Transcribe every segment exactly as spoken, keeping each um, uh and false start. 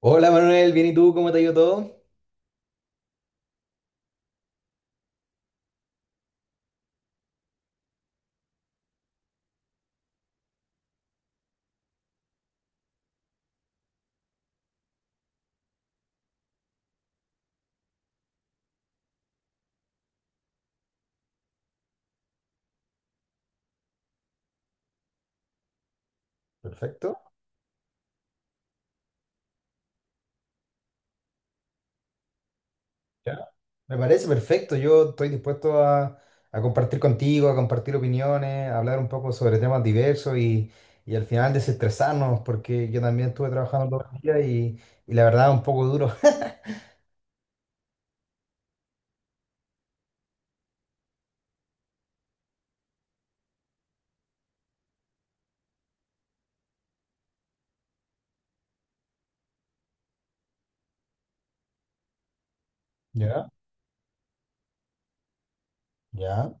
Hola Manuel, bien y tú, ¿cómo te ha ido todo? Perfecto, ya. Me parece perfecto. Yo estoy dispuesto a, a compartir contigo, a compartir opiniones, a hablar un poco sobre temas diversos y, y al final desestresarnos, porque yo también estuve trabajando todo el día y, y la verdad un poco duro. Ya, ya,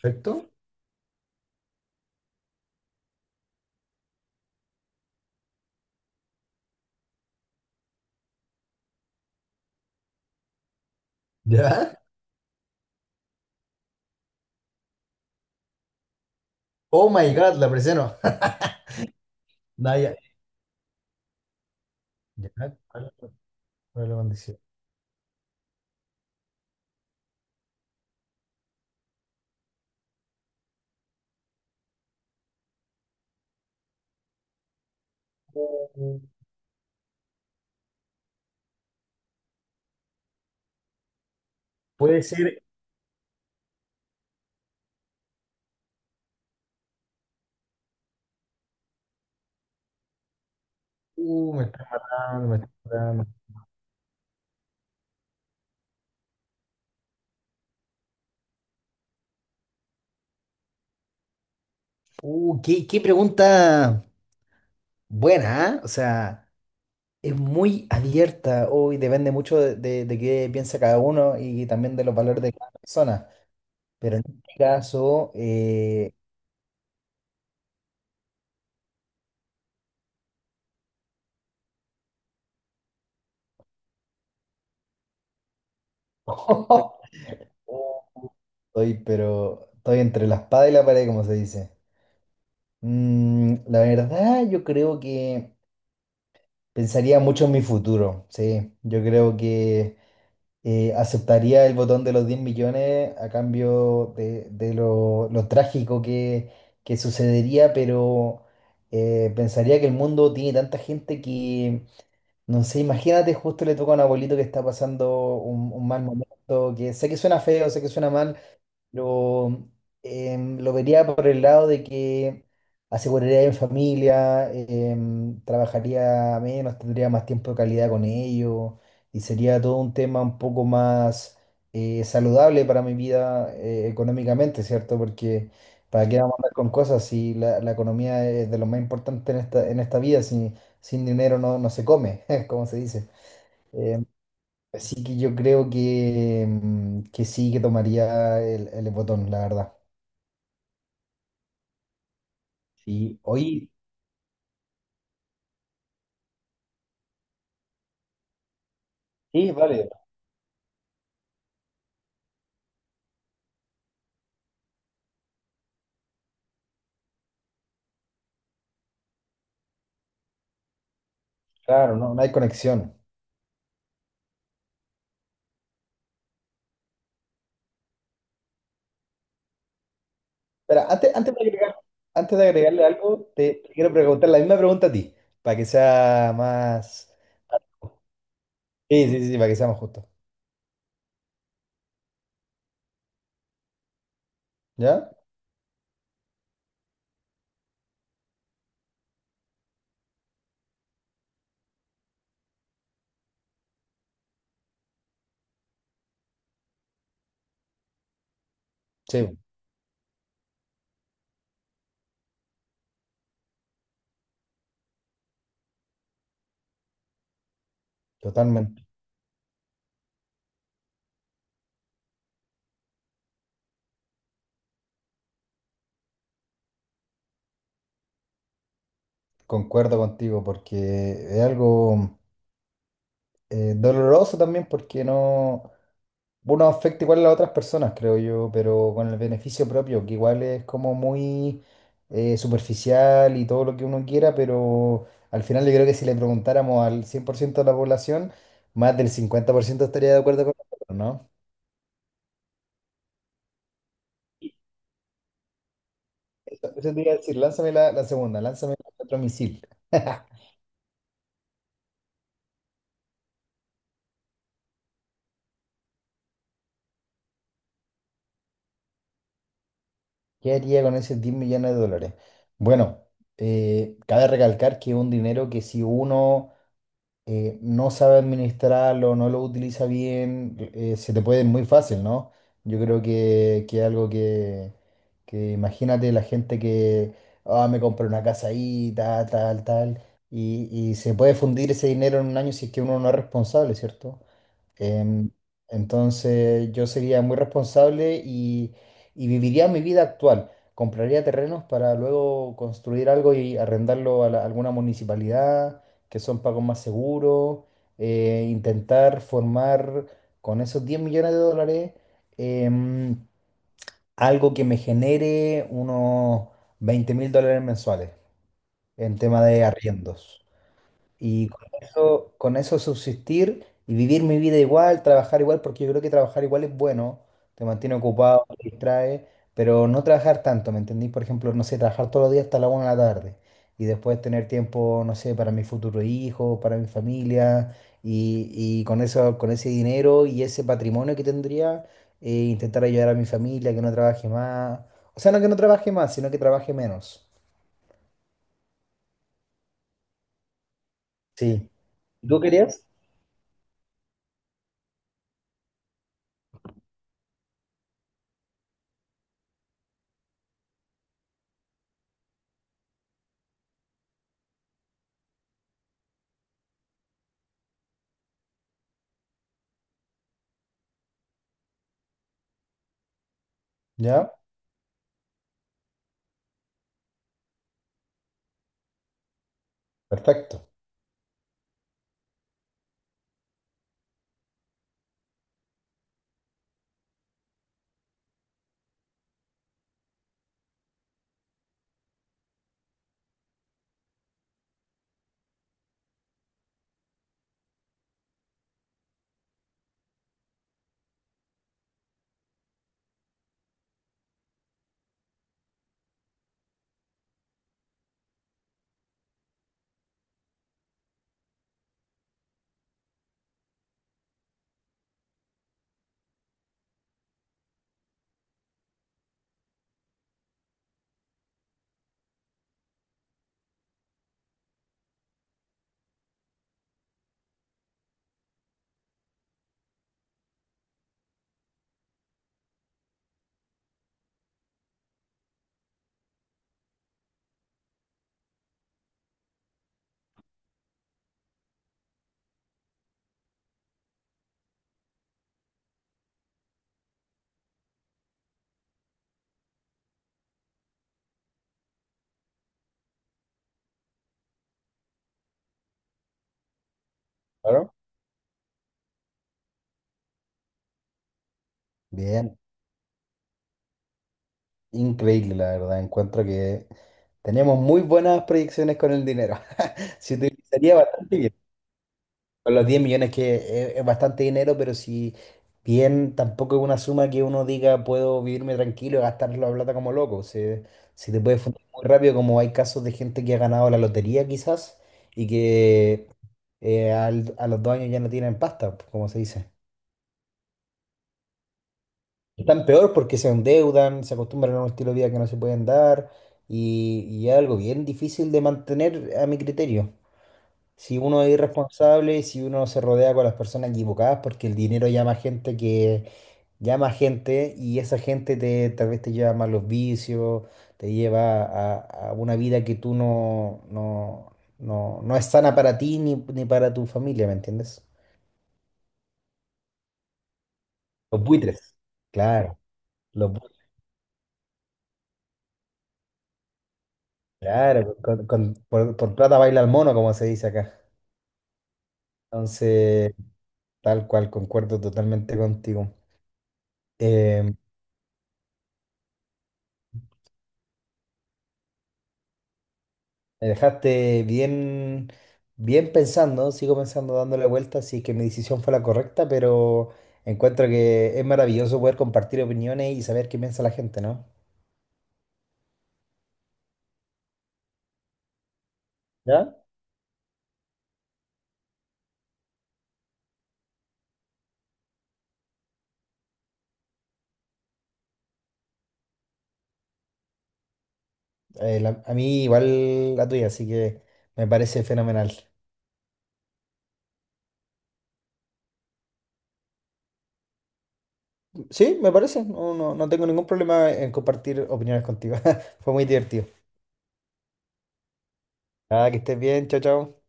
perfecto. Ya. Oh my God, la presiono. Naya. Ya, ¿cuál es la cuál es la condición? Uh, Puede ser. Uh, me está matando, me está matando. Uh, qué, qué pregunta buena, ¿ah? O sea, es muy abierta, hoy depende mucho de, de- de qué piensa cada uno y también de los valores de cada persona. Pero en este caso, eh, estoy, pero estoy entre la espada y la pared, como se dice. Mm, la verdad, yo creo que pensaría mucho en mi futuro, sí. Yo creo que eh, aceptaría el botón de los diez millones a cambio de, de lo, lo trágico que, que sucedería, pero eh, pensaría que el mundo tiene tanta gente que, no sé, imagínate, justo le toca a un abuelito que está pasando un, un mal momento, que sé que suena feo, sé que suena mal, pero em, lo vería por el lado de que aseguraría en familia, em, trabajaría menos, tendría más tiempo de calidad con ellos y sería todo un tema un poco más eh, saludable para mi vida eh, económicamente, ¿cierto? Porque para qué vamos a andar con cosas si la, la economía es de lo más importante en esta, en esta vida, si, sin dinero no, no se come, como se dice. Em, Así que yo creo que, em, que sí que tomaría el el botón, la verdad. Sí, hoy. Sí, vale, claro, no, no hay conexión. Pero antes, antes de agregar- antes de agregarle algo, te, te quiero preguntar la misma pregunta a ti, para que sea más... Sí, sí, sí, para que sea más justo. ¿Ya? Sí, totalmente. Concuerdo contigo, porque es algo eh, doloroso también, porque no... Uno afecta igual a las otras personas, creo yo, pero con el beneficio propio, que igual es como muy eh, superficial y todo lo que uno quiera, pero al final yo creo que si le preguntáramos al cien por ciento de la población, más del cincuenta por ciento estaría de acuerdo con nosotros, ¿no? Eso te iba a decir, lánzame la, la segunda, lánzame otro misil. ¿Qué haría con esos diez millones de dólares? Bueno, eh, cabe recalcar que es un dinero que si uno eh, no sabe administrarlo, no lo utiliza bien, eh, se te puede ir muy fácil, ¿no? Yo creo que, que algo que, que imagínate la gente que, ah, me compré una casa ahí, tal, tal, tal, y, y se puede fundir ese dinero en un año si es que uno no es responsable, ¿cierto? Em, entonces yo sería muy responsable y, y viviría mi vida actual. Compraría terrenos para luego construir algo y arrendarlo a la- alguna municipalidad, que son pagos más seguros. Eh, intentar formar con esos diez millones de dólares em, algo que me genere unos veinte mil dólares mensuales en tema de arriendos. Y con eso, con eso subsistir y vivir mi vida igual, trabajar igual, porque yo creo que trabajar igual es bueno, te mantiene ocupado, te distrae, pero no trabajar tanto, ¿me entendís? Por ejemplo, no sé, trabajar todos los días hasta la una de la tarde y después tener tiempo, no sé, para mi futuro hijo, para mi familia y, y con eso, con ese dinero y ese patrimonio que tendría, eh, intentar ayudar a mi familia, que no trabaje más, o sea, no que no trabaje más, sino que trabaje menos. Sí. ¿Y tú querías? Ya, perfecto. Claro. Bien, increíble la verdad. Encuentro que tenemos muy buenas proyecciones con el dinero. Se utilizaría bastante bien. Con los diez millones que es, es bastante dinero, pero si bien tampoco es una suma que uno diga puedo vivirme tranquilo y gastar la plata como loco. Se, se te puede fundir muy rápido, como hay casos de gente que ha ganado la lotería quizás y que eh, al- a los dos años ya no tienen pasta, como se dice. Están peor porque se endeudan, se acostumbran a un estilo de vida que no se pueden dar y, y es algo bien difícil de mantener a mi criterio. Si uno es irresponsable, si uno se rodea con las personas equivocadas, porque el dinero llama gente que llama gente y esa gente te, tal vez te lleva a malos vicios, te lleva a, a una vida que tú no, no, no, no es sana para ti ni, ni para tu familia, ¿me entiendes? Los buitres. Claro. los Claro, pues, con- con- por, por plata baila el mono, como se dice acá. Entonces, tal cual, concuerdo totalmente contigo. Eh, Me dejaste bien, bien pensando, sigo pensando, dándole vueltas, si es que mi decisión fue la correcta, pero encuentro que es maravilloso poder compartir opiniones y saber qué piensa la gente, ¿no? ¿Ya? Eh, la- a mí igual la tuya, así que me parece fenomenal. Sí, me parece, no, no, no tengo ningún problema en compartir opiniones contigo. Fue muy divertido. Nada, que estés bien, chao, chao.